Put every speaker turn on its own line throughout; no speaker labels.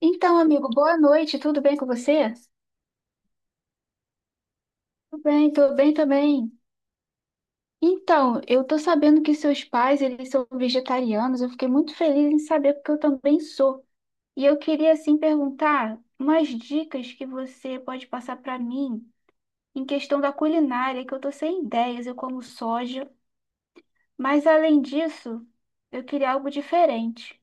Então, amigo, boa noite, tudo bem com você? Tudo bem também. Então, eu tô sabendo que seus pais, eles são vegetarianos, eu fiquei muito feliz em saber porque eu também sou. E eu queria, assim, perguntar umas dicas que você pode passar para mim em questão da culinária, que eu tô sem ideias, eu como soja, mas além disso, eu queria algo diferente.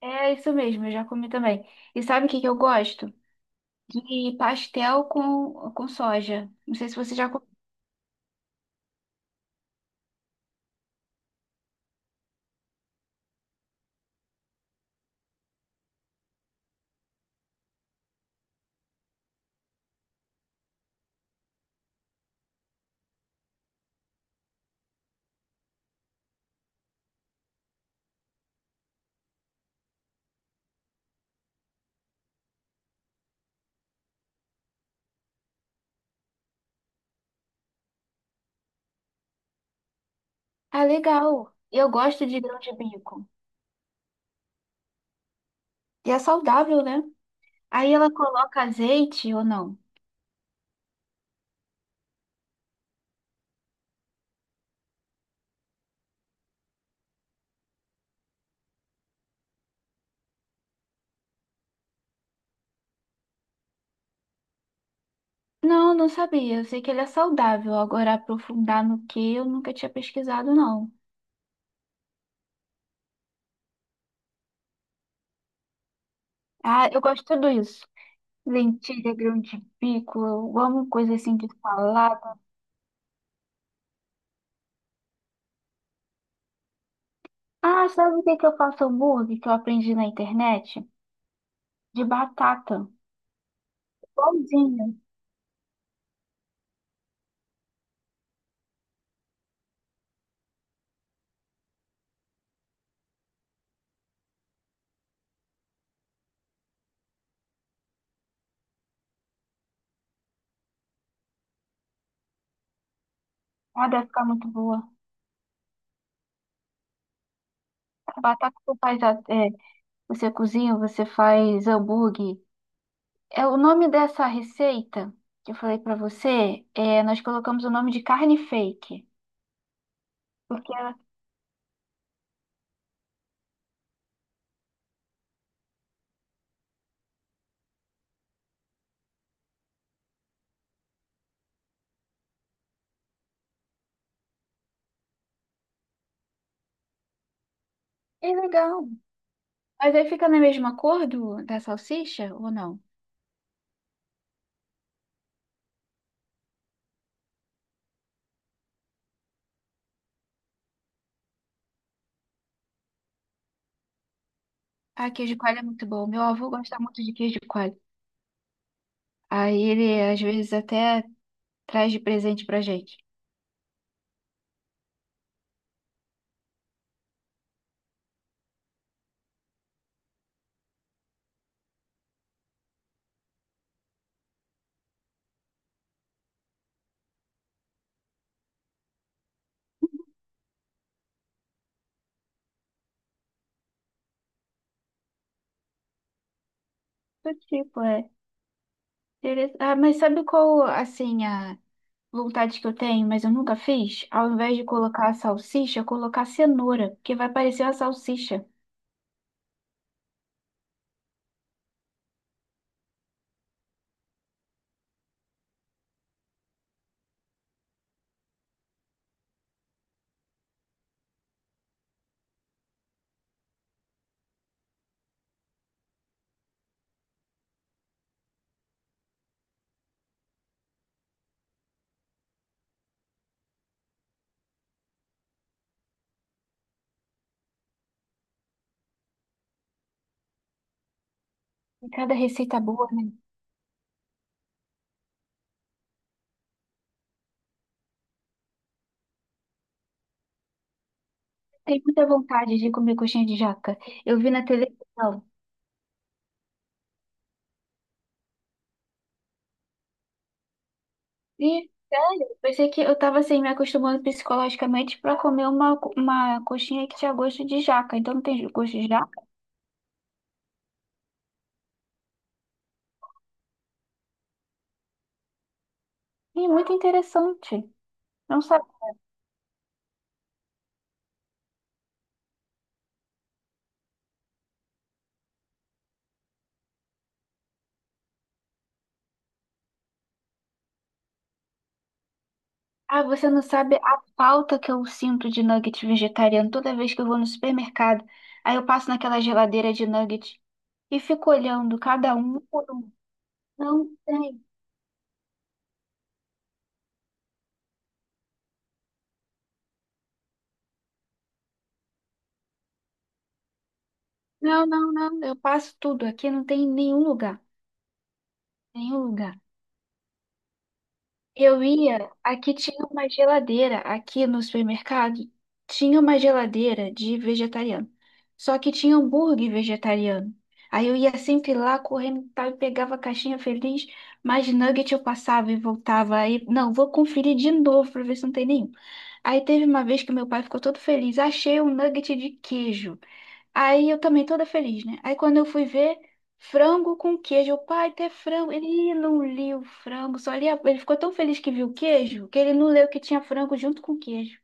É isso mesmo, eu já comi também. E sabe o que que eu gosto? De pastel com soja. Não sei se você já. Ah, legal. Eu gosto de grão de bico. E é saudável, né? Aí ela coloca azeite ou não? Não, não sabia. Eu sei que ele é saudável. Agora, aprofundar no que eu nunca tinha pesquisado, não. Ah, eu gosto de tudo isso. Lentilha, grão de bico, eu amo coisa assim de salada. Ah, sabe o que que eu faço hambúrguer que eu aprendi na internet? De batata. Pãozinho. Ah, deve ficar muito boa. A batata que você faz, é, você cozinha, você faz hambúrguer. É o nome dessa receita que eu falei pra você, é, nós colocamos o nome de carne fake, porque ela é legal. Mas aí fica na mesma cor do, da salsicha ou não? Ah, queijo de coalho é muito bom. Meu avô gosta muito de queijo de coalho. Aí ele às vezes até traz de presente pra gente. Do tipo, é. Ah, mas sabe qual, assim, a vontade que eu tenho, mas eu nunca fiz? Ao invés de colocar a salsicha, colocar cenoura, porque vai parecer uma salsicha. E cada receita boa, né? Tem muita vontade de comer coxinha de jaca. Eu vi na televisão. E, sério, pensei que eu tava assim, me acostumando psicologicamente pra comer uma, uma coxinha que tinha gosto de jaca. Então não tem gosto de jaca. E muito interessante. Não sabe. Ah, você não sabe a falta que eu sinto de nugget vegetariano toda vez que eu vou no supermercado. Aí eu passo naquela geladeira de nugget e fico olhando cada um por um. Não tem. Não, não, não. Eu passo tudo. Aqui não tem em nenhum lugar. Nenhum lugar. Eu ia, aqui tinha uma geladeira, aqui no supermercado, tinha uma geladeira de vegetariano. Só que tinha hambúrguer vegetariano. Aí eu ia sempre lá correndo e tal, e pegava a caixinha feliz, mas nugget eu passava e voltava. Aí, não, vou conferir de novo pra ver se não tem nenhum. Aí teve uma vez que meu pai ficou todo feliz, achei um nugget de queijo. Aí eu também toda feliz, né? Aí quando eu fui ver, frango com queijo. O pai, até frango. Ele não lia o frango, só lia. Ele ficou tão feliz que viu o queijo, que ele não leu que tinha frango junto com queijo.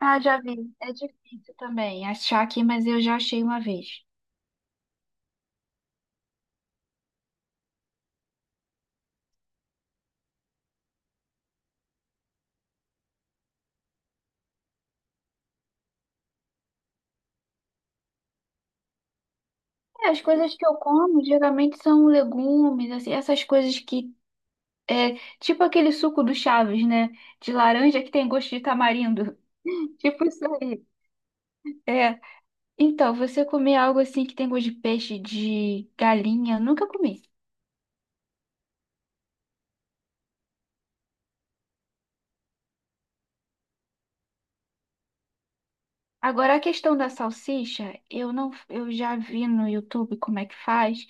Ah, já vi. É difícil também achar aqui, mas eu já achei uma vez. É, as coisas que eu como geralmente são legumes, assim, essas coisas que. É, tipo aquele suco do Chaves, né? De laranja que tem gosto de tamarindo. Tipo isso aí. É. Então, você comer algo assim que tem gosto de peixe, de galinha, nunca comi. Agora, a questão da salsicha, eu não, eu já vi no YouTube como é que faz,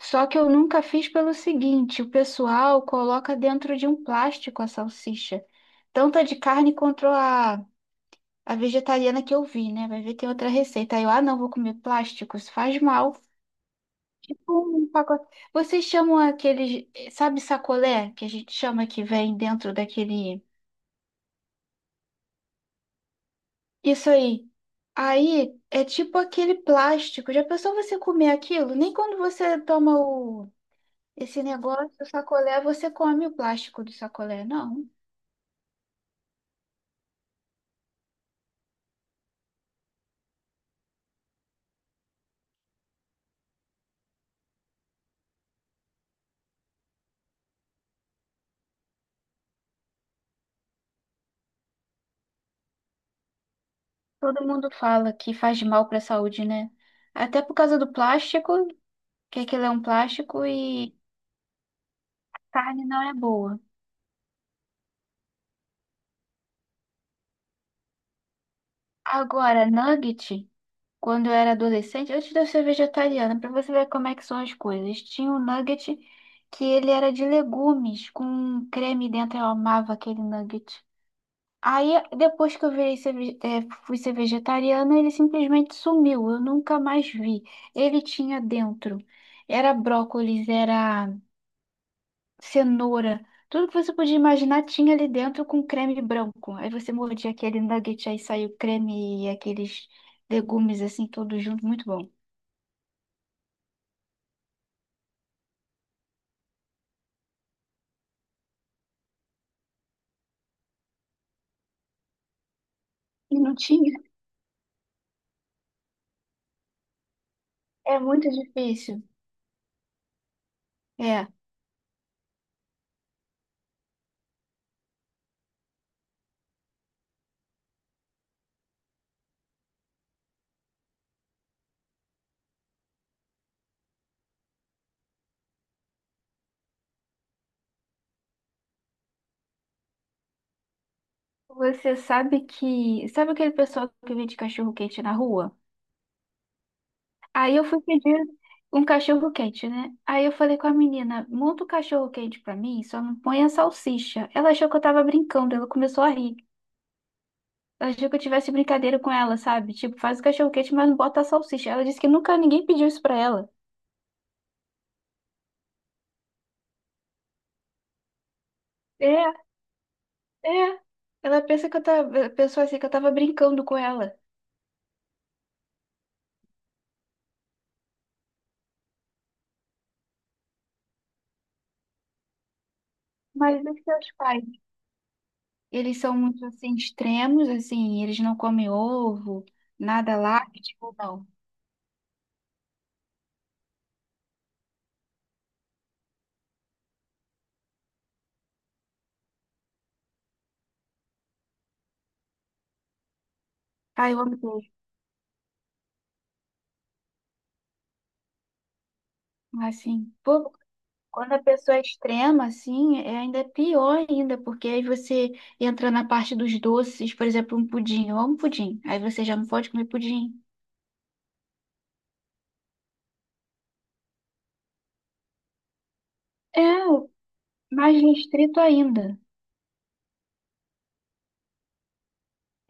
só que eu nunca fiz pelo seguinte, o pessoal coloca dentro de um plástico a salsicha, tanto a de carne quanto a vegetariana que eu vi, né? Vai ver, tem outra receita. Aí eu, ah, não, vou comer plástico, isso faz mal. Tipo um pacote. Vocês chamam aqueles, sabe sacolé, que a gente chama que vem dentro daquele. Isso aí. Aí é tipo aquele plástico. Já pensou você comer aquilo? Nem quando você toma o esse negócio, o sacolé, você come o plástico do sacolé, não. Todo mundo fala que faz mal para a saúde, né? Até por causa do plástico, que aquilo é um plástico e carne não é boa. Agora, nugget. Quando eu era adolescente, antes de eu ser vegetariana, pra você ver como é que são as coisas. Tinha um nugget que ele era de legumes, com um creme dentro, eu amava aquele nugget. Aí, depois que eu virei ser, fui ser vegetariana, ele simplesmente sumiu, eu nunca mais vi. Ele tinha dentro, era brócolis, era cenoura, tudo que você podia imaginar tinha ali dentro com creme branco. Aí você mordia aquele nugget, aí saiu creme e aqueles legumes assim, todos juntos, muito bom. E não tinha. É muito difícil. É. Você sabe que. Sabe aquele pessoal que vende cachorro-quente na rua? Aí eu fui pedir um cachorro-quente, né? Aí eu falei com a menina: monta o cachorro-quente pra mim, só não põe a salsicha. Ela achou que eu tava brincando, ela começou a rir. Ela achou que eu tivesse brincadeira com ela, sabe? Tipo, faz o cachorro-quente, mas não bota a salsicha. Ela disse que nunca ninguém pediu isso pra ela. É, é. Ela pensa que eu tava, pensou assim que eu tava brincando com ela. Mas isso é os pais. Eles são muito assim extremos, assim, eles não comem ovo, nada lácteo, não. Ah, eu amo queijo. Assim, pô, quando a pessoa é extrema, assim, é ainda pior ainda, porque aí você entra na parte dos doces, por exemplo, um pudim. Eu amo pudim. Aí você já não pode comer pudim. É, mais restrito ainda.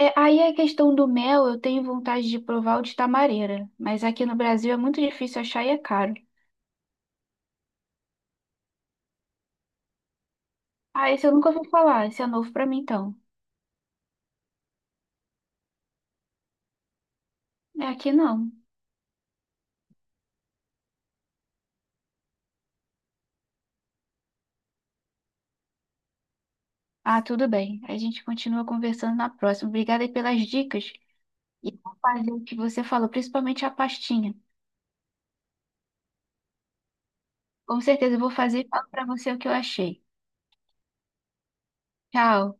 É, aí a questão do mel, eu tenho vontade de provar o de tamareira, mas aqui no Brasil é muito difícil achar e é caro. Ah, esse eu nunca ouvi falar, esse é novo pra mim então. É aqui não. Ah, tudo bem. A gente continua conversando na próxima. Obrigada aí pelas dicas e vou fazer o que você falou, principalmente a pastinha. Com certeza eu vou fazer e falo para você o que eu achei. Tchau.